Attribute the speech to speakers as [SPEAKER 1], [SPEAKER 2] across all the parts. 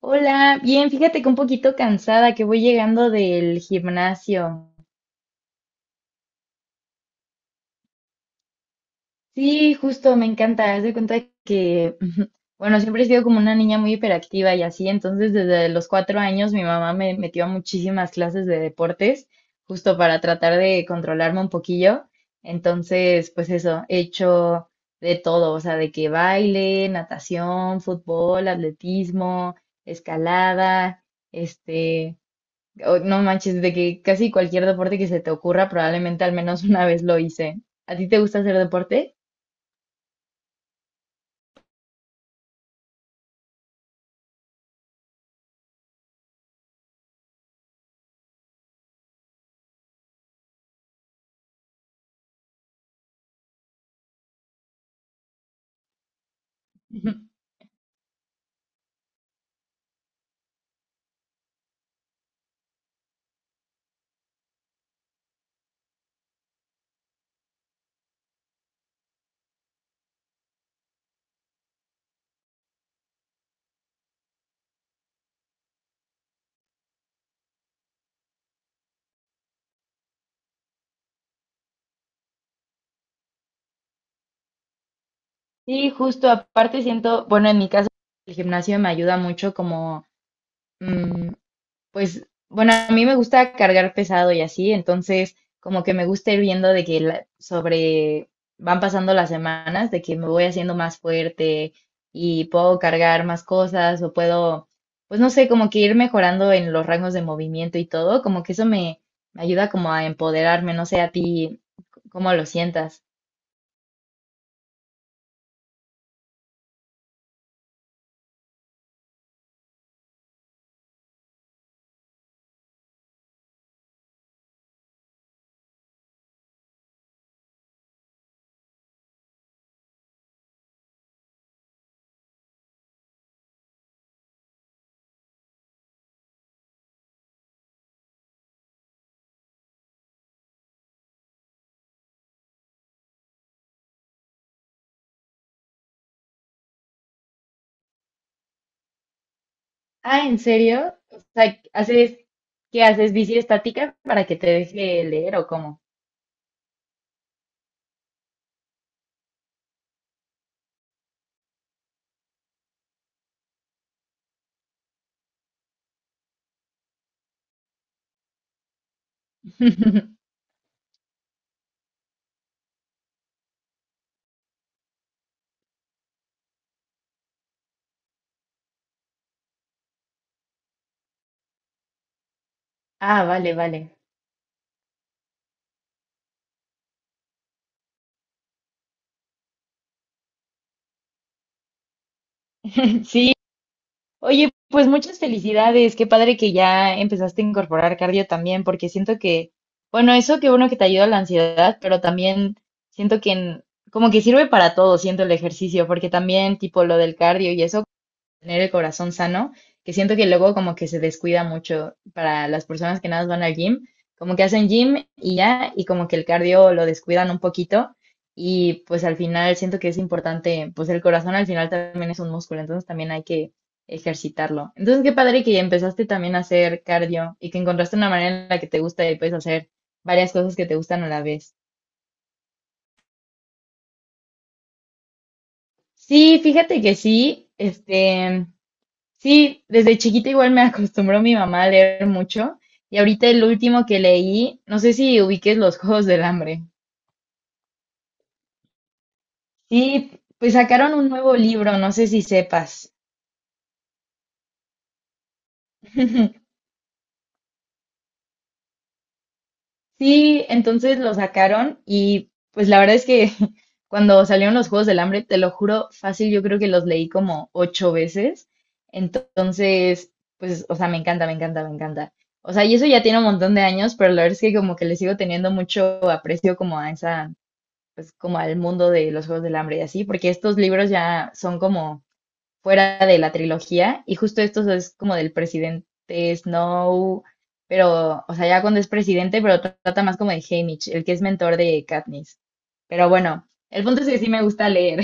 [SPEAKER 1] Hola, bien, fíjate que un poquito cansada que voy llegando del gimnasio. Sí, justo, me encanta. Haz de cuenta que, bueno, siempre he sido como una niña muy hiperactiva y así, entonces desde los 4 años mi mamá me metió a muchísimas clases de deportes, justo para tratar de controlarme un poquillo. Entonces, pues eso, he hecho de todo, o sea, de que baile, natación, fútbol, atletismo, escalada, este... No manches, de que casi cualquier deporte que se te ocurra, probablemente al menos una vez lo hice. ¿A ti te gusta hacer deporte? Sí, justo aparte siento, bueno, en mi caso, el gimnasio me ayuda mucho como pues, bueno, a mí me gusta cargar pesado y así, entonces como que me gusta ir viendo de que sobre van pasando las semanas, de que me voy haciendo más fuerte y puedo cargar más cosas o puedo, pues no sé, como que ir mejorando en los rangos de movimiento y todo, como que eso me, me ayuda como a empoderarme, no sé a ti cómo lo sientas. Ah, ¿en serio? O sea, ¿haces, qué haces, bici estática para que te deje leer o cómo? Ah, vale, vale. Sí, oye, pues muchas felicidades. Qué padre que ya empezaste a incorporar cardio también, porque siento que, bueno, eso que uno que te ayuda a la ansiedad, pero también siento que como que sirve para todo, siento el ejercicio, porque también tipo lo del cardio y eso tener el corazón sano, que siento que luego como que se descuida mucho para las personas que nada más van al gym, como que hacen gym y ya, y como que el cardio lo descuidan un poquito. Y pues al final siento que es importante, pues el corazón al final también es un músculo, entonces también hay que ejercitarlo. Entonces qué padre que empezaste también a hacer cardio y que encontraste una manera en la que te gusta y puedes hacer varias cosas que te gustan a la vez. Sí, fíjate que sí, sí, desde chiquita igual me acostumbró mi mamá a leer mucho. Y ahorita el último que leí, no sé si ubiques Los Juegos del Hambre. Sí, pues sacaron un nuevo libro, no sé si sepas. Sí, entonces lo sacaron y pues la verdad es que cuando salieron los Juegos del Hambre, te lo juro, fácil, yo creo que los leí como ocho veces. Entonces, pues, o sea, me encanta, me encanta, me encanta. O sea, y eso ya tiene un montón de años, pero la verdad es que como que le sigo teniendo mucho aprecio como a esa pues como al mundo de los Juegos del Hambre y así, porque estos libros ya son como fuera de la trilogía y justo estos es como del presidente Snow, pero, o sea, ya cuando es presidente, pero trata más como de Haymitch, el que es mentor de Katniss. Pero bueno, el punto es que sí me gusta leer.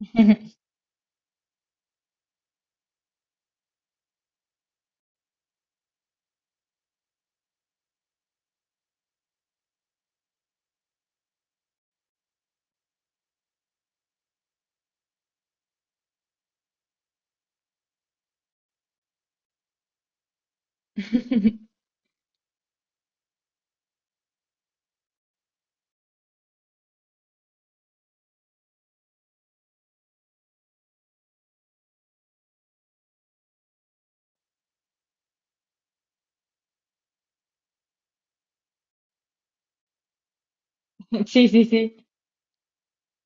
[SPEAKER 1] Sí, sí, sí.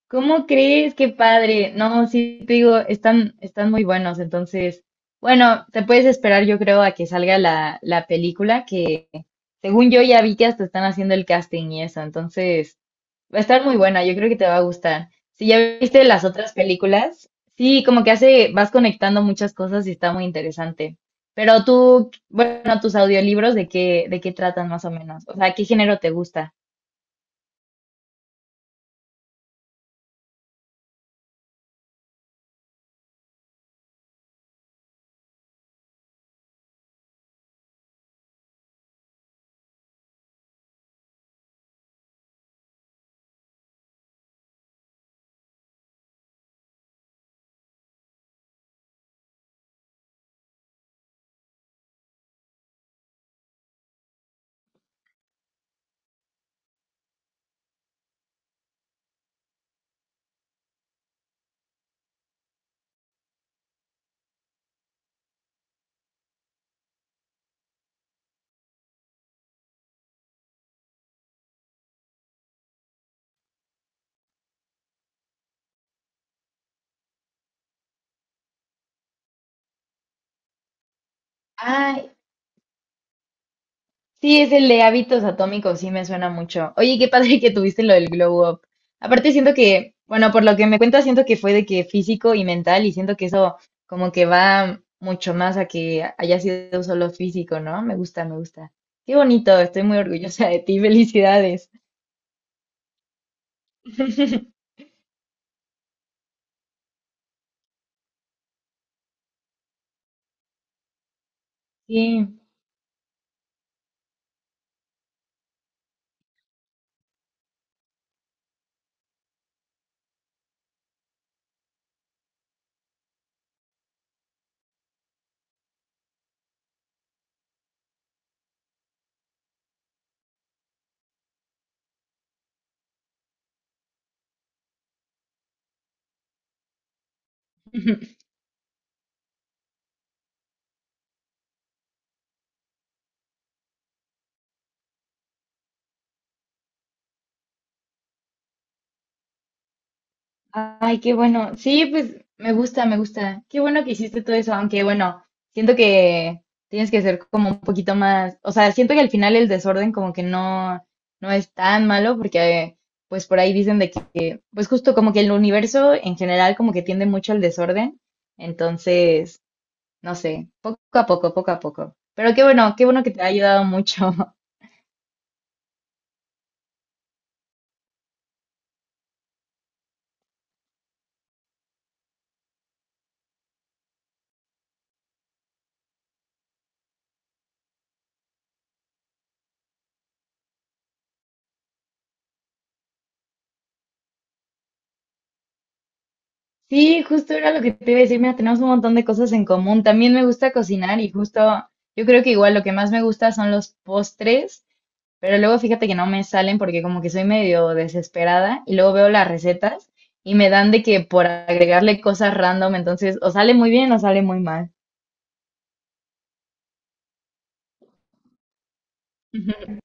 [SPEAKER 1] ¿Cómo crees? Qué padre. No, sí, te digo, están muy buenos. Entonces, bueno, te puedes esperar, yo creo, a que salga la película, que según yo ya vi que hasta están haciendo el casting y eso, entonces va a estar muy buena, yo creo que te va a gustar. Si ya viste las otras películas, sí, como que hace, vas conectando muchas cosas y está muy interesante. Pero tú, bueno, tus audiolibros, ¿de qué tratan más o menos? O sea, ¿qué género te gusta? Sí, es el de hábitos atómicos, sí me suena mucho. Oye, qué padre que tuviste lo del glow up. Aparte siento que, bueno, por lo que me cuentas, siento que fue de que físico y mental y siento que eso como que va mucho más a que haya sido solo físico, ¿no? Me gusta, me gusta. Qué bonito, estoy muy orgullosa de ti, felicidades. Sí. Ay, qué bueno. Sí, pues me gusta, me gusta. Qué bueno que hiciste todo eso, aunque bueno, siento que tienes que ser como un poquito más, o sea, siento que al final el desorden como que no, no es tan malo porque pues por ahí dicen de que, pues justo como que el universo en general como que tiende mucho al desorden, entonces, no sé, poco a poco, poco a poco. Pero qué bueno que te ha ayudado mucho. Sí, justo era lo que te iba a decir. Mira, tenemos un montón de cosas en común. También me gusta cocinar y justo yo creo que igual lo que más me gusta son los postres, pero luego fíjate que no me salen porque como que soy medio desesperada y luego veo las recetas y me dan de que por agregarle cosas random, entonces o sale muy bien o sale muy mal.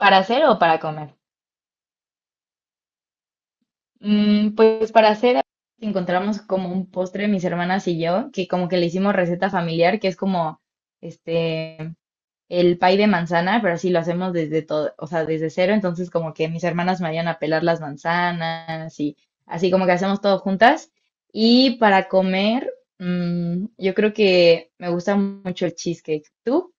[SPEAKER 1] ¿Para hacer o para comer? Mm, pues para hacer encontramos como un postre mis hermanas y yo, que como que le hicimos receta familiar, que es como este el pay de manzana, pero así lo hacemos desde todo, o sea, desde cero, entonces como que mis hermanas me ayudan a pelar las manzanas y así como que hacemos todo juntas. Y para comer, mm, yo creo que me gusta mucho el cheesecake. ¿Tú?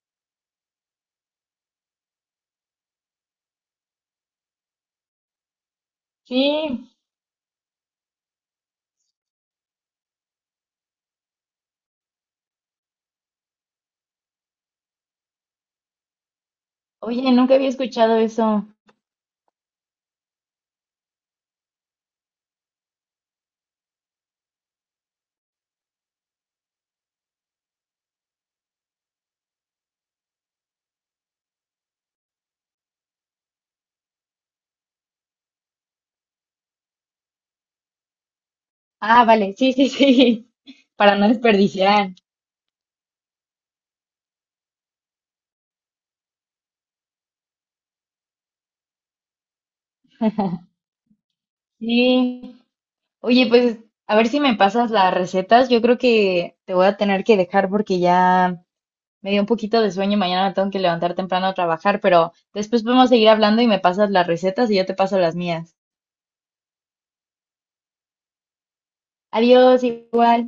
[SPEAKER 1] Sí, oye, nunca había escuchado eso. Ah, vale, sí, sí, sí, para no desperdiciar. Sí, oye, pues a ver si me pasas las recetas. Yo creo que te voy a tener que dejar porque ya me dio un poquito de sueño y mañana me tengo que levantar temprano a trabajar, pero después podemos seguir hablando y me pasas las recetas y yo te paso las mías. Adiós, igual.